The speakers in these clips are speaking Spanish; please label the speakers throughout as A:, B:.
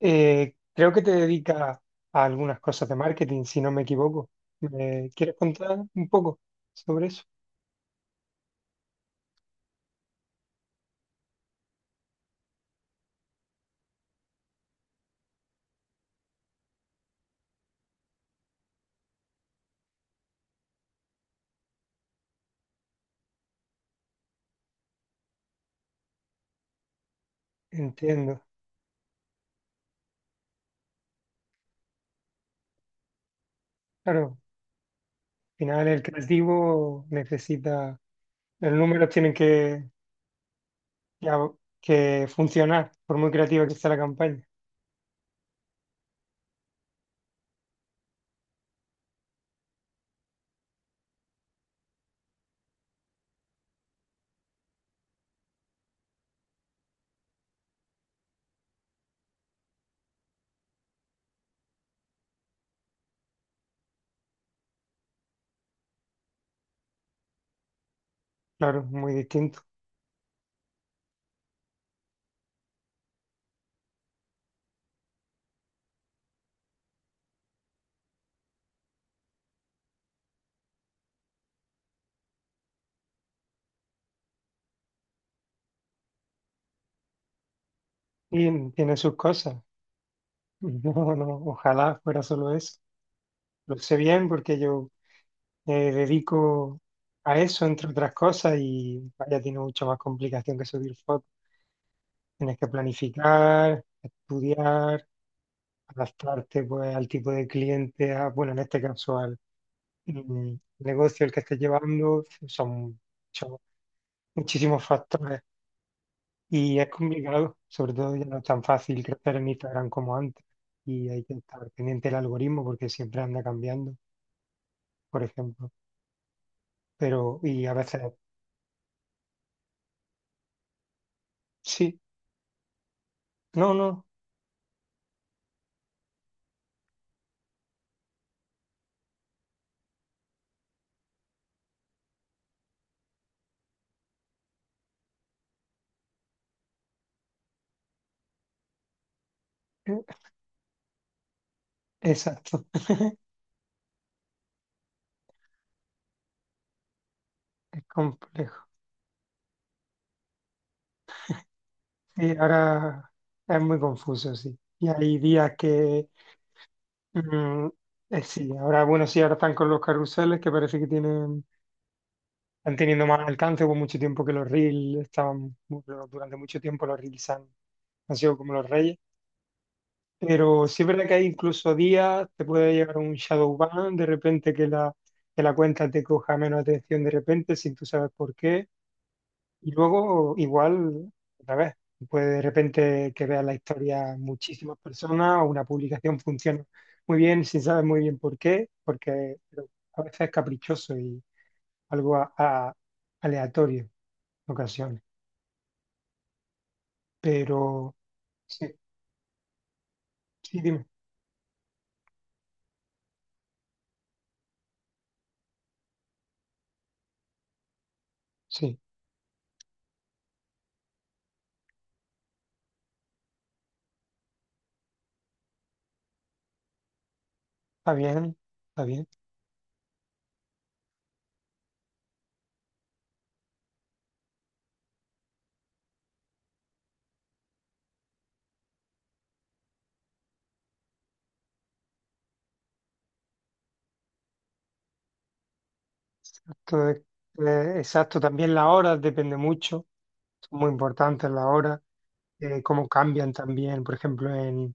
A: Creo que te dedicas a algunas cosas de marketing, si no me equivoco. ¿Me quieres contar un poco sobre eso? Entiendo. Claro, al final el creativo necesita, los números tienen que funcionar, por muy creativa que sea la campaña. Claro, muy distinto. Y tiene sus cosas. No, no, ojalá fuera solo eso. Lo sé bien porque yo me dedico a eso, entre otras cosas, y vaya, tiene mucha más complicación que subir fotos. Tienes que planificar, estudiar, adaptarte pues, al tipo de cliente, bueno, en este caso al mm, negocio el que estés llevando, son mucho- muchísimos factores y es complicado, sobre todo ya no es tan fácil crecer en Instagram como antes y hay que estar pendiente del algoritmo porque siempre anda cambiando, por ejemplo. Pero y a veces sí, no, no, eh, exacto, es complejo. Sí, ahora es muy confuso, sí. Y hay días que Mm, sí, ahora, bueno, sí, ahora están con los carruseles que parece que tienen, están teniendo más alcance. Hubo mucho tiempo que los reels durante mucho tiempo los reels han sido como los reyes. Pero sí es verdad que hay incluso días, te puede llegar un shadow ban, de repente que la cuenta te coja menos atención de repente, sin tú sabes por qué. Y luego, igual, otra vez, pues de repente que veas la historia muchísimas personas o una publicación funciona muy bien sin saber muy bien por qué, porque pero a veces es caprichoso y algo aleatorio en ocasiones. Pero sí, sí, dime, sí, está bien, está bien. Exacto, exacto. También las horas depende mucho, son muy importantes las horas, cómo cambian también, por ejemplo, en,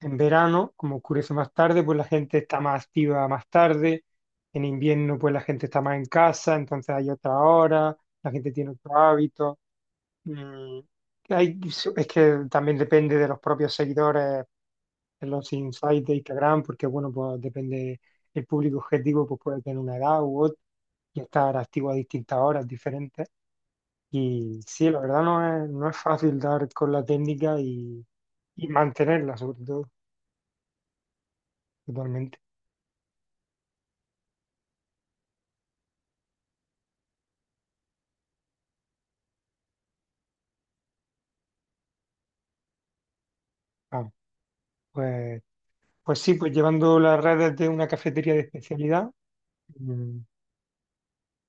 A: en verano, como oscurece más tarde, pues la gente está más activa más tarde, en invierno pues la gente está más en casa, entonces hay otra hora, la gente tiene otro hábito. Mm, hay- es que también depende de los propios seguidores, de los insights de Instagram, porque bueno, pues depende el público objetivo pues, puede tener una edad u otra y estar activo a distintas horas diferentes. Y sí, la verdad no es fácil dar con la técnica y mantenerla, sobre todo, totalmente. Ah, pues, pues sí, pues llevando las redes de una cafetería de especialidad, mm,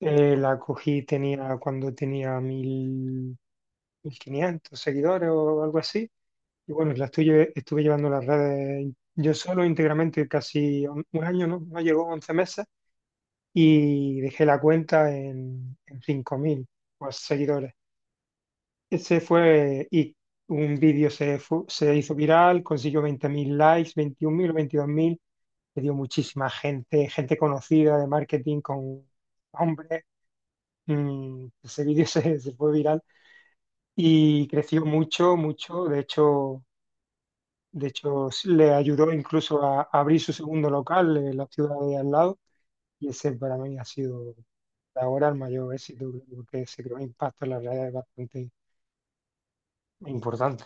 A: cuando tenía mil 1500 seguidores o algo así. Y bueno, estuve llevando las redes yo solo íntegramente casi un año, ¿no? No llegó 11 meses. Y dejé la cuenta en 5000 pues, seguidores. Ese fue, y un vídeo se hizo viral, consiguió 20.000 likes, 21.000 o 22.000 le dio muchísima gente, gente conocida de marketing con hombres. Ese vídeo se fue viral y creció mucho, mucho. De hecho sí, le ayudó incluso a abrir su segundo local en la ciudad de al lado. Y ese para mí ha sido ahora el mayor éxito, porque se creó un impacto en la realidad es bastante importante,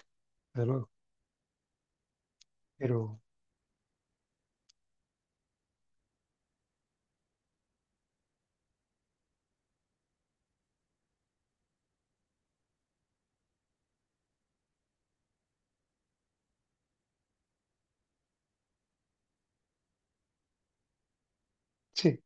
A: desde luego. Pero sí,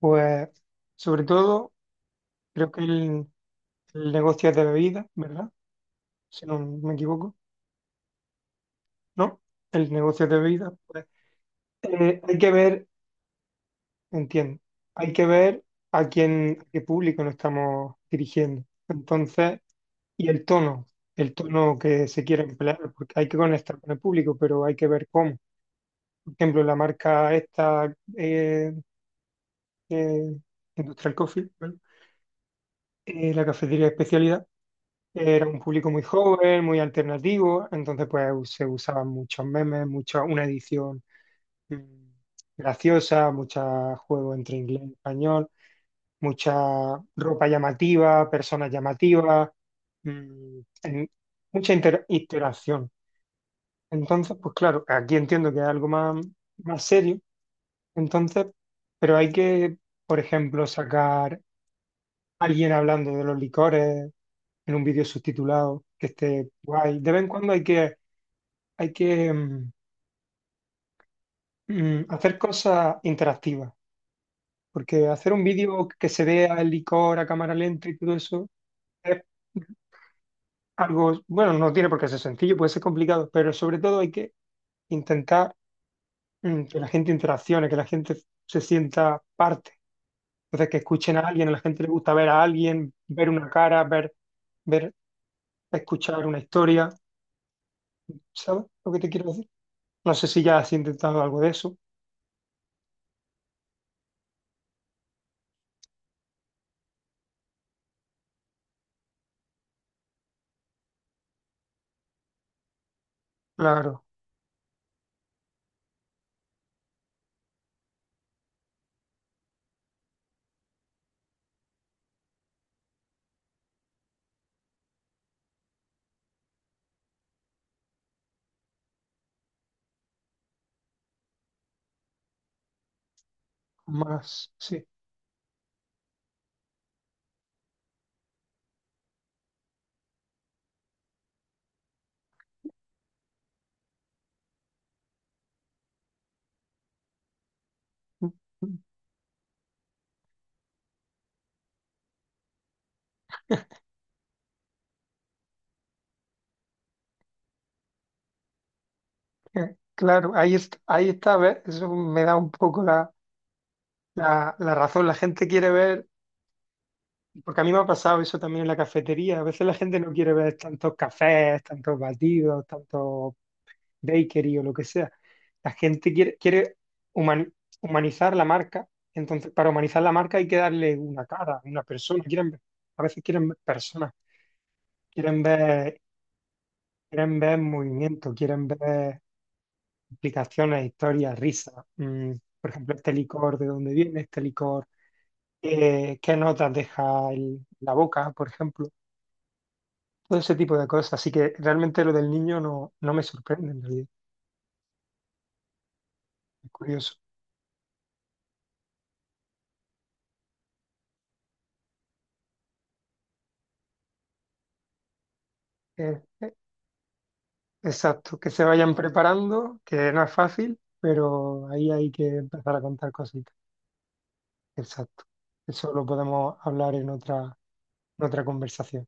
A: pues sobre todo creo que el negocio de bebidas, ¿verdad? Si no me equivoco, ¿no? El negocio de bebidas, pues hay que ver, entiendo, hay que ver a quién, a qué público nos estamos dirigiendo. Entonces, y el tono que se quiere emplear, porque hay que conectar con el público, pero hay que ver cómo. Por ejemplo, la marca esta, eh, Industrial Coffee, ¿vale? La cafetería de especialidad. Era un público muy joven, muy alternativo, entonces pues se usaban muchos memes, una edición mm, graciosa, muchos juegos entre inglés y español, mucha ropa llamativa, personas llamativas, mm, en- mucha interacción. Entonces, pues claro, aquí entiendo que es algo más, más serio, entonces, pero hay que, por ejemplo, sacar alguien hablando de los licores en un vídeo subtitulado que esté guay. De vez en cuando hay que hacer cosas interactivas, porque hacer un vídeo que se vea el licor a cámara lenta y todo eso es algo, bueno, no tiene por qué ser sencillo, puede ser complicado, pero sobre todo hay que intentar que la gente interaccione, que la gente se sienta parte. Entonces, que escuchen a alguien, a la gente le gusta ver a alguien, ver una cara, ver, escuchar una historia. ¿Sabes lo que te quiero decir? No sé si ya has intentado algo de eso. Claro, más, sí. Mm, mm, Claro, ahí está, ¿ves? Eso me da un poco la razón. La gente quiere ver. Porque a mí me ha pasado eso también en la cafetería. A veces la gente no quiere ver tantos cafés, tantos batidos, tantos bakery o lo que sea. La gente quiere humani- humanizar la marca. Entonces, para humanizar la marca hay que darle una cara, una persona. A veces quieren ver personas, quieren ver, quieren ver movimiento, quieren ver explicaciones, historias, risas. Por ejemplo, este licor, ¿de dónde viene este licor? ¿Qué notas deja la boca, por ejemplo? Todo ese tipo de cosas. Así que realmente lo del niño no, no me sorprende en realidad. Es curioso. Eh, eh, exacto, que se vayan preparando, que no es fácil, pero ahí hay que empezar a contar cositas. Exacto. Eso lo podemos hablar en otra, conversación.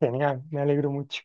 A: Genial, me alegro mucho.